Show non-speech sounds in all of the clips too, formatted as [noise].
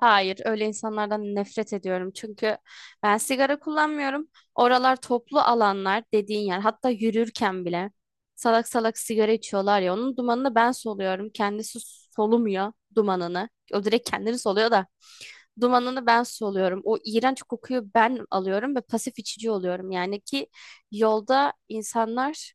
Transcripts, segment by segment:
Hayır, öyle insanlardan nefret ediyorum. Çünkü ben sigara kullanmıyorum. Oralar toplu alanlar dediğin yer. Hatta yürürken bile salak salak sigara içiyorlar ya. Onun dumanını ben soluyorum. Kendisi solumuyor dumanını. O direkt kendini soluyor da dumanını ben soluyorum. O iğrenç kokuyu ben alıyorum ve pasif içici oluyorum. Yani ki yolda insanlar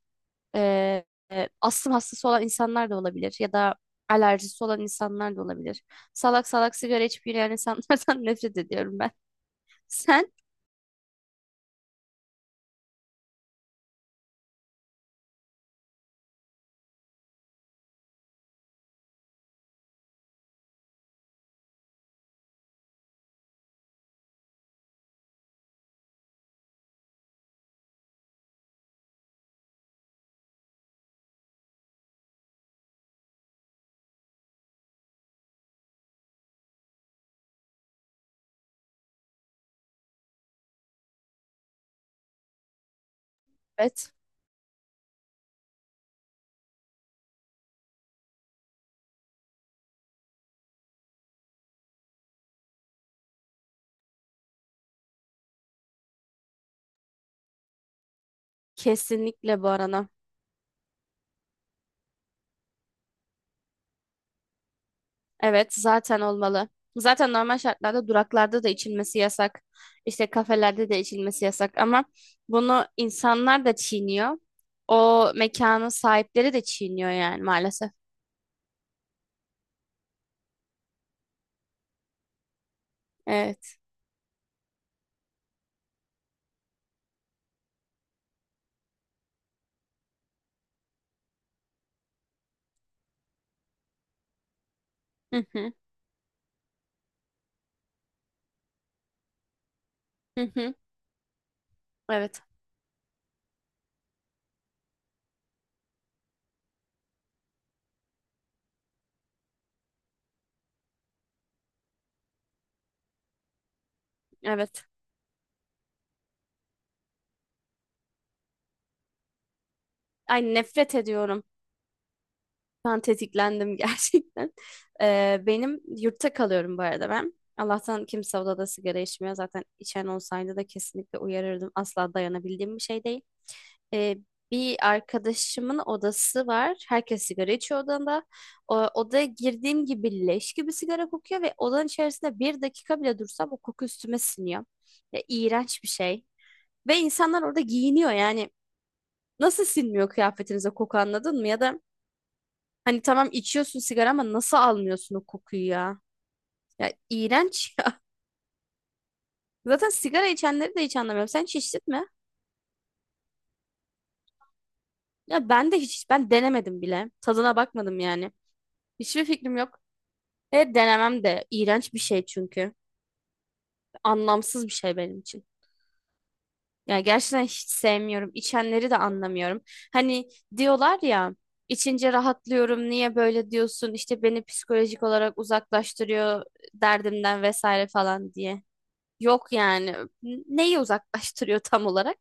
ee, astım hastası olan insanlar da olabilir ya da alerjisi olan insanlar da olabilir. Salak salak sigara içip yürüyen insanlardan [laughs] nefret ediyorum ben. Sen? Evet. Kesinlikle bu arana. Evet, zaten olmalı. Zaten normal şartlarda duraklarda da içilmesi yasak. İşte kafelerde de içilmesi yasak ama bunu insanlar da çiğniyor. O mekanın sahipleri de çiğniyor yani maalesef. Evet. Hı hı. Hı hı. Evet. Evet. Ay, nefret ediyorum. Ben tetiklendim [laughs] gerçekten. Benim yurtta kalıyorum bu arada ben. Allah'tan kimse odada sigara içmiyor. Zaten içen olsaydı da kesinlikle uyarırdım. Asla dayanabildiğim bir şey değil. Ee, Bir arkadaşımın odası var. Herkes sigara içiyor odanda. O, odaya girdiğim gibi leş gibi sigara kokuyor ve odanın içerisinde bir dakika bile dursam o koku üstüme siniyor. Ya, iğrenç bir şey. Ve insanlar orada giyiniyor yani. Nasıl sinmiyor kıyafetinize koku, anladın mı? Ya da hani tamam içiyorsun sigara ama nasıl almıyorsun o kokuyu ya? Ya iğrenç ya. [laughs] Zaten sigara içenleri de hiç anlamıyorum. Sen hiç içtin mi? Ya ben de hiç, ben denemedim bile. Tadına bakmadım yani. Hiçbir fikrim yok. Ve denemem de. İğrenç bir şey çünkü. Anlamsız bir şey benim için. Ya gerçekten hiç sevmiyorum. İçenleri de anlamıyorum. Hani diyorlar ya, içince rahatlıyorum. Niye böyle diyorsun? İşte beni psikolojik olarak uzaklaştırıyor derdimden vesaire falan diye. Yok yani. Neyi uzaklaştırıyor tam olarak?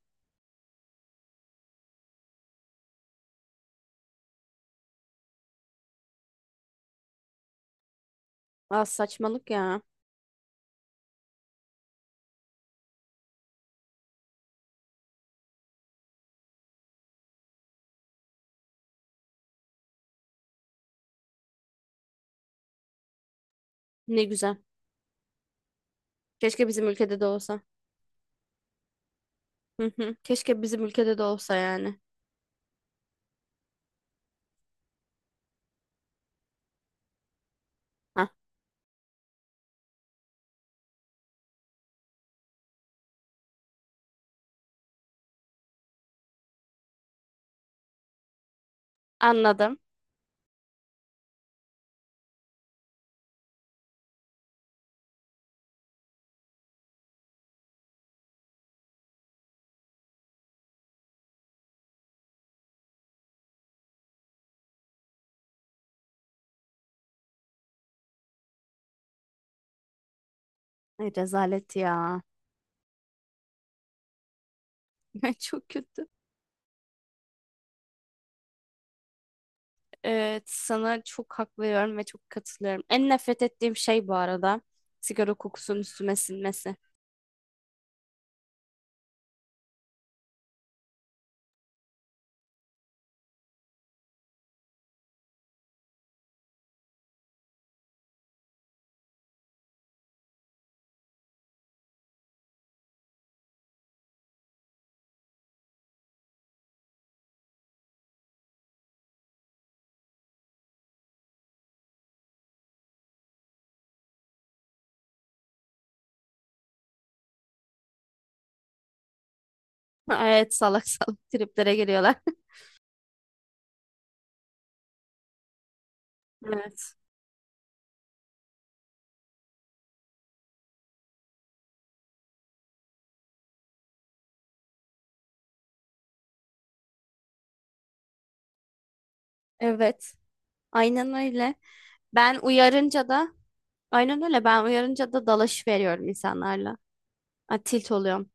Aa, saçmalık ya. Ne güzel. Keşke bizim ülkede de olsa. Hı hı. Keşke bizim ülkede de olsa yani. Hah, anladım. Ay, rezalet ya. [laughs] Çok kötü. Evet, sana çok hak veriyorum ve çok katılıyorum. En nefret ettiğim şey bu arada sigara kokusunun üstüme sinmesi. [laughs] Evet, salak salak triplere geliyorlar. [laughs] Evet. Evet. Aynen öyle. Ben uyarınca da aynen öyle. Ben uyarınca da dalaş veriyorum insanlarla. Ay, tilt oluyorum.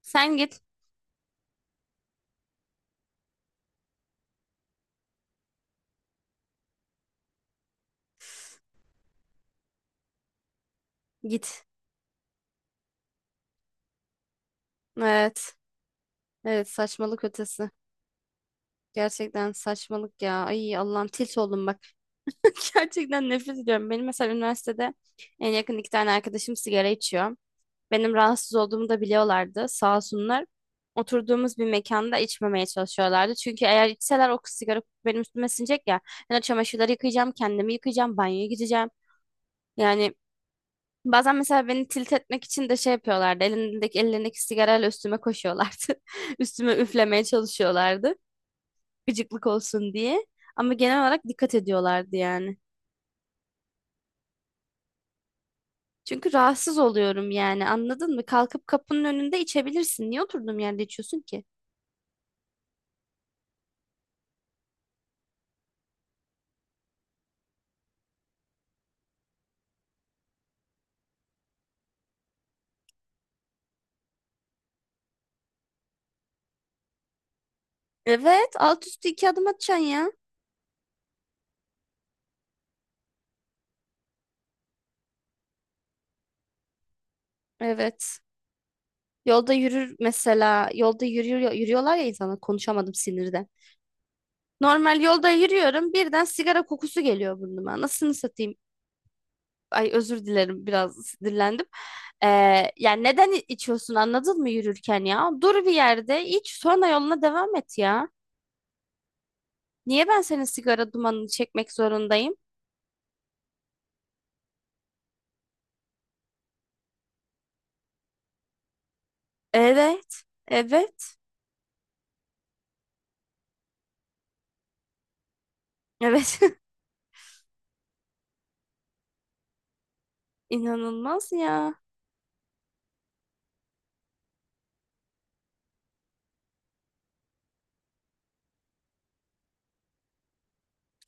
Sen git. Git. Evet. Evet, saçmalık ötesi. Gerçekten saçmalık ya. Ay Allah'ım, tilt oldum bak. [laughs] Gerçekten nefret ediyorum. Benim mesela üniversitede en yakın iki tane arkadaşım sigara içiyor. Benim rahatsız olduğumu da biliyorlardı. Sağ olsunlar. Oturduğumuz bir mekanda içmemeye çalışıyorlardı. Çünkü eğer içseler o sigara benim üstüme sinecek ya. Ben o çamaşırları yıkayacağım, kendimi yıkayacağım, banyoya gideceğim. Yani bazen mesela beni tilt etmek için de şey yapıyorlardı. Ellerindeki sigarayla üstüme koşuyorlardı. [laughs] Üstüme üflemeye çalışıyorlardı. Gıcıklık olsun diye. Ama genel olarak dikkat ediyorlardı yani. Çünkü rahatsız oluyorum yani, anladın mı? Kalkıp kapının önünde içebilirsin. Niye oturduğum yerde içiyorsun ki? Evet, alt üstü iki adım atacaksın ya. Evet. Yolda yürür mesela. Yolda yürüyor, yürüyorlar ya insanlar. Konuşamadım sinirden. Normal yolda yürüyorum. Birden sigara kokusu geliyor burnuma. Nasılını satayım? Ay özür dilerim, biraz sinirlendim. Ee, Yani neden içiyorsun anladın mı yürürken ya? Dur bir yerde iç, sonra yoluna devam et ya. Niye ben senin sigara dumanını çekmek zorundayım? Evet, evet, evet. [laughs] İnanılmaz ya.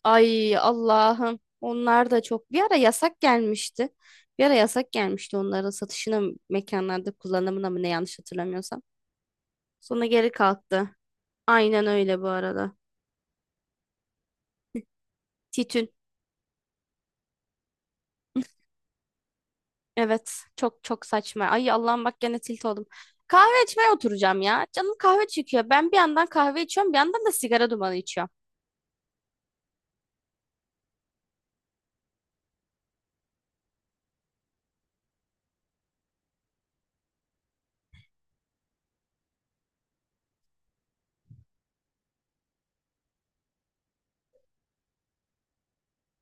Ay Allah'ım. Onlar da çok, bir ara yasak gelmişti. Bir ara yasak gelmişti onların satışına mı, mekanlarda kullanımına mı ne yanlış hatırlamıyorsam. Sonra geri kalktı. Aynen öyle bu arada. Titün. Evet, çok çok saçma. Ay Allah'ım bak, gene tilt oldum. Kahve içmeye oturacağım ya. Canım kahve çekiyor. Ben bir yandan kahve içiyorum, bir yandan da sigara dumanı içiyorum.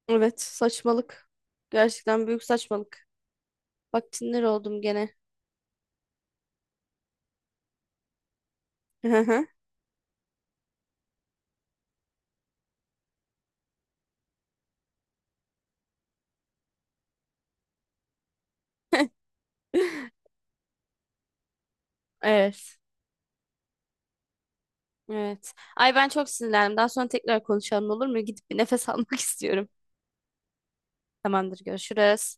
Evet, saçmalık. Gerçekten büyük saçmalık. Bak sinir oldum gene. [laughs] Evet. Evet. Ay ben çok sinirlendim. Daha sonra tekrar konuşalım, olur mu? Gidip bir nefes almak [laughs] istiyorum. Tamamdır, görüşürüz.